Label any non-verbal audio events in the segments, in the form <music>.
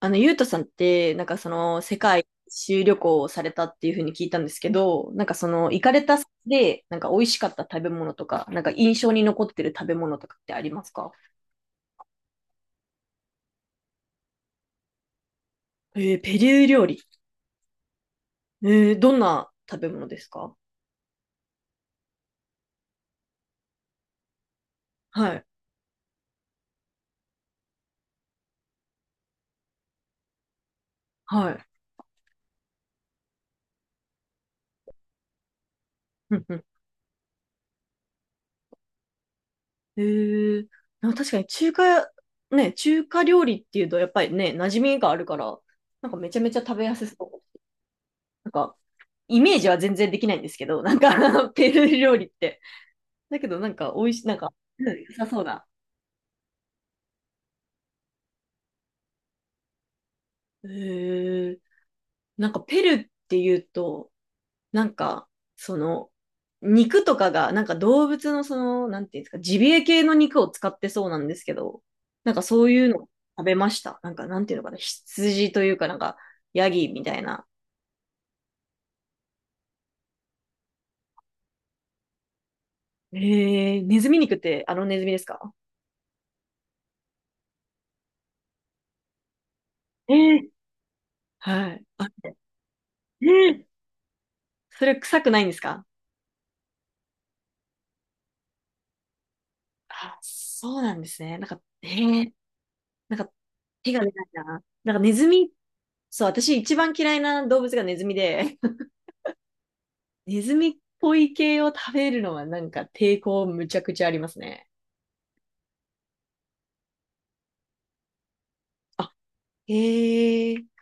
ゆうとさんって、世界一周旅行をされたっていうふうに聞いたんですけど、行かれた先で、なんか美味しかった食べ物とか、なんか印象に残ってる食べ物とかってありますか？ペルー料理。えどんな食べ物ですか？はい。はい。うんうん。えー、なんか確かに中華、ね、中華料理っていうと、やっぱりね、馴染みがあるから、なんかめちゃめちゃ食べやすそう。なんか、イメージは全然できないんですけど、なんか <laughs> ペルー料理って。だけどなんか美味しい、なんか、うん、良さそうだ。へえ。なんかペルっていうと、なんか、その、肉とかが、なんか動物のその、なんていうんですか、ジビエ系の肉を使ってそうなんですけど、なんかそういうの食べました。なんか、なんていうのかな、羊というか、なんか、ヤギみたいな。ネズミ肉ってあのネズミですか？えー、はい。あ、えー、それ臭くないんですか？あ、そうなんですね。なんか、なんか、手が出ないな。なんかネズミ、そう、私一番嫌いな動物がネズミで、<laughs> ネズミっぽい系を食べるのはなんか抵抗むちゃくちゃありますね。へえ、そ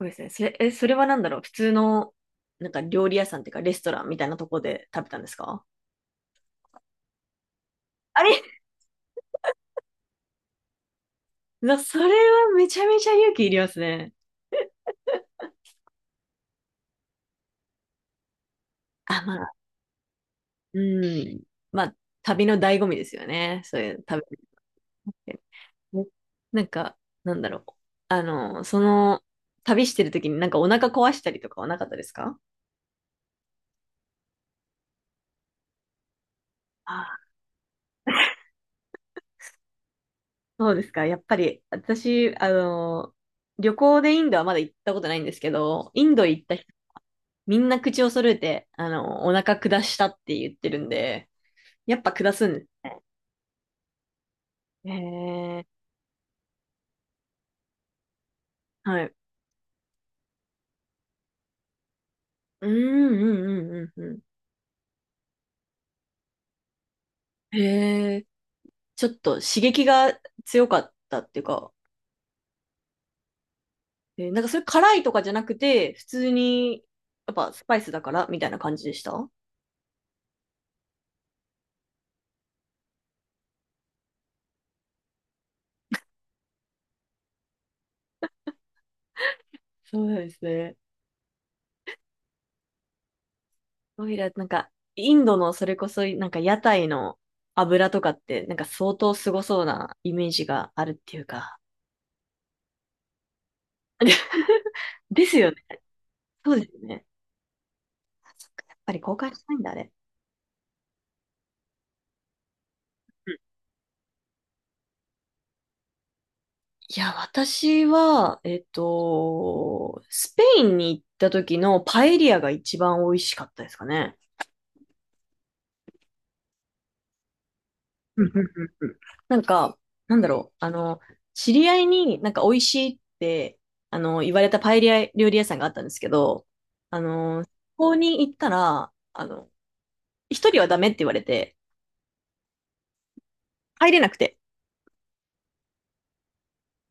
うですね。それ、え、それはなんだろう普通の、なんか料理屋さんっていうかレストランみたいなとこで食べたんですか？あれなそれはめちゃめちゃ勇気いりますね。あ、まあ、うん。まあ、旅の醍醐味ですよね。そういう食べるって。ね、なんか、なんだろう。あの、その、旅してる時になんかお腹壊したりとかはなかったですか？あ、そうですか。やっぱり、私、あの、旅行でインドはまだ行ったことないんですけど、インド行った人、みんな口を揃えて、あの、お腹下したって言ってるんで、やっぱ下すんです。へえ、はい。うんうんうんうんうん。へえ、ちょっと刺激が強かったっていうか、なんかそれ辛いとかじゃなくて、普通に、やっぱスパイスだからみたいな感じでしたそうなんですね。オイラ、なんか、インドのそれこそ、なんか屋台の油とかって、なんか相当すごそうなイメージがあるっていうか。<laughs> ですよね。そうですよね。あそっか、やっぱり公開しないんだ、あれ。うん。いや、私は、スペインに行った時のパエリアが一番美味しかったですかね。うんうんうんうん。なんか、なんだろう、あの、知り合いになんか美味しいって、あの、言われたパエリア料理屋さんがあったんですけど、あの、そこに行ったら、あの、一人はダメって言われて、入れなくて。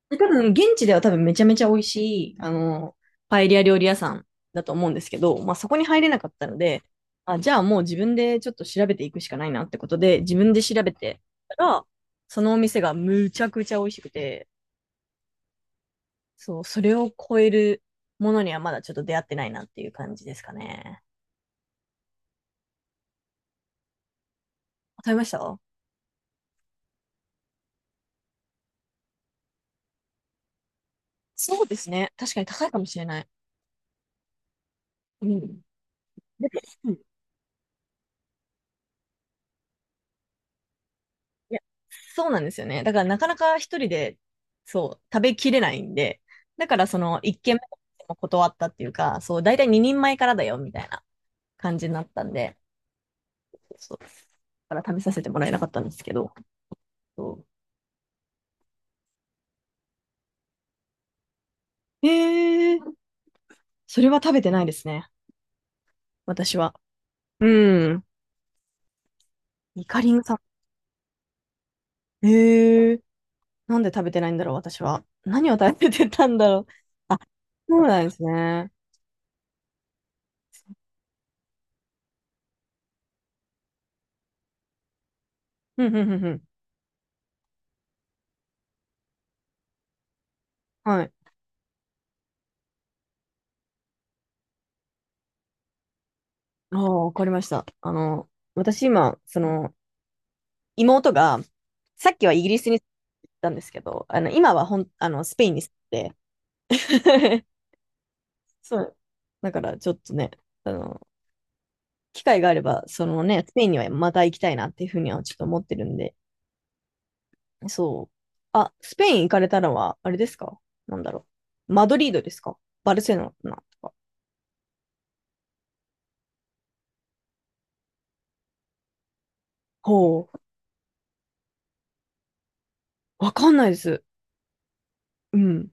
で多分、現地では多分めちゃめちゃ美味しい、あの、パエリア料理屋さんだと思うんですけど、まあそこに入れなかったので、あ、じゃあもう自分でちょっと調べていくしかないなってことで、自分で調べてたら、そのお店がむちゃくちゃ美味しくて、そう、それを超えるものにはまだちょっと出会ってないなっていう感じですかね。あ食べました？そうですね。確かに高いかもしれない。うん。で、うん、いや、そうなんですよね。だからなかなか一人で、そう、食べきれないんで、だからその一軒目も断ったっていうか、そう、だいたい2人前からだよみたいな感じになったんで、そう、だから食べさせてもらえなかったんですけど、そう。それは食べてないですね。私は。うん。イカリンさん。へー、なんで食べてないんだろう、私は。何を食べてたんだろう。あ、そうなんですね。うん、うん、うん、ん。はい。ああ、わかりました。あの、私今、その、妹が、さっきはイギリスに行ったんですけど、あの、今はほん、あの、スペインに住んで、<laughs> そう。だからちょっとね、あの、機会があれば、そのね、スペインにはまた行きたいなっていうふうにはちょっと思ってるんで、そう。あ、スペイン行かれたのは、あれですか？なんだろう。マドリードですか？バルセロナとか。ほう。わかんないです。うん。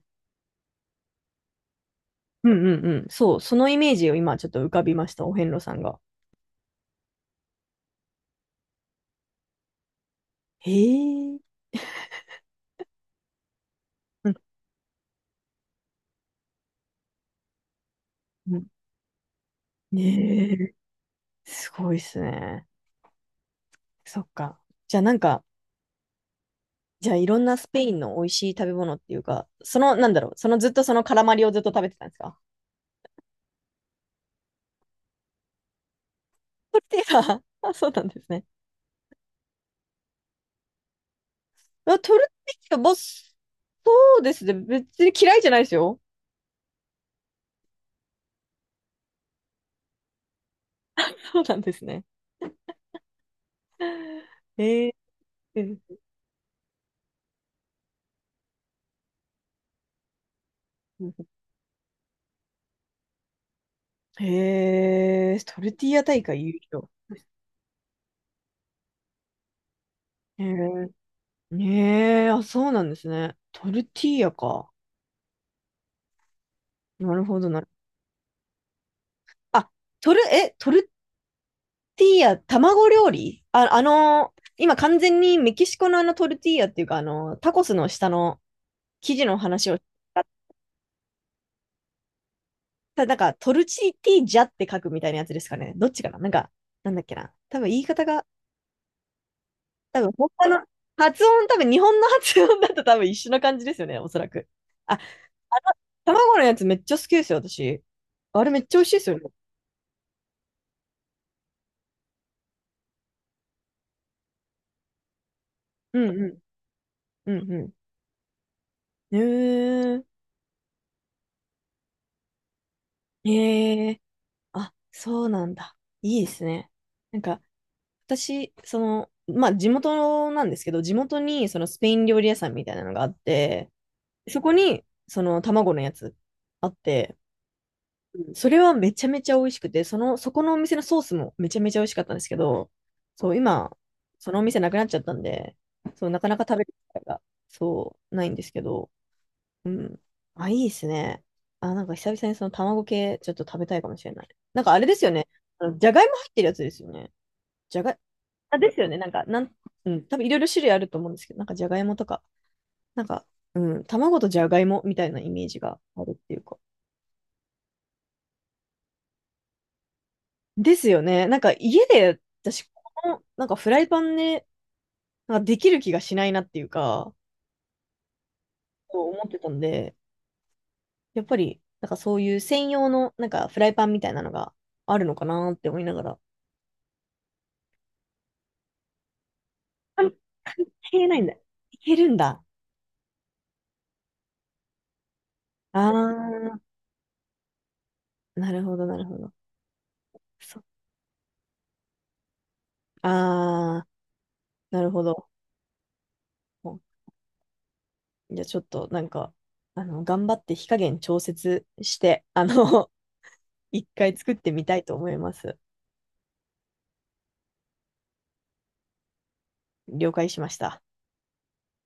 うんうんうん。そう。そのイメージを今ちょっと浮かびました。お遍路さんが。へえ。うんうん。ねえ。すごいっすね。そっか。じゃあなんか、じゃあいろんなスペインの美味しい食べ物っていうか、その、なんだろう。そのずっとそのカラマリをずっと食べてたんですか？トルティーヤ。<laughs> あ、そうなんですね。あ、トルティーヤ、ボス。そうですね。別に嫌いじゃないですよ。そうなんですね。へえー。へえー、トルティーヤ大会優勝。へえ、ねえ、あ、そうなんですね。トルティーヤか。なるほどなる。あ、トル、え、トルティーヤ、卵料理あ、今完全にメキシコのあのトルティーヤっていうか、あのータコスの下の生地の話を、た、なんかトルチティージャって書くみたいなやつですかね。どっちかななんか、なんだっけな。多分言い方が、多分他の発音、多分日本の発音だと多分一緒な感じですよね、おそらく。あ、あの、卵のやつめっちゃ好きですよ、私。あれめっちゃ美味しいですよね。うんうんうんうん。うーん。へえ。あ、そうなんだ。いいですね。なんか、私、その、まあ、地元なんですけど、地元に、そのスペイン料理屋さんみたいなのがあって、そこに、その、卵のやつあって、うん、それはめちゃめちゃ美味しくて、その、そこのお店のソースもめちゃめちゃ美味しかったんですけど、そう、今、そのお店なくなっちゃったんで、そう、なかなか食べる機会が、そう、ないんですけど、うん。あ、いいですね。あ、なんか久々にその卵系ちょっと食べたいかもしれない。なんかあれですよね。あのじゃがいも入ってるやつですよね。じゃがい、あ、ですよね。なんか、なん、うん、多分いろいろ種類あると思うんですけど、なんかじゃがいもとか、なんか、うん、卵とじゃがいもみたいなイメージがあるっていうか。ですよね。なんか家で私、この、なんかフライパンで、なんかできる気がしないなっていうか、そう思ってたんで、やっぱり、なんかそういう専用の、なんかフライパンみたいなのがあるのかなって思いながら。関関係ないんだ。いけるんだ。あー、なるほど、なるほど。そ、あー、なるほど。もうじゃあちょっと、なんか、あの、頑張って火加減調節して、あの、<laughs> 一回作ってみたいと思います。了解しました。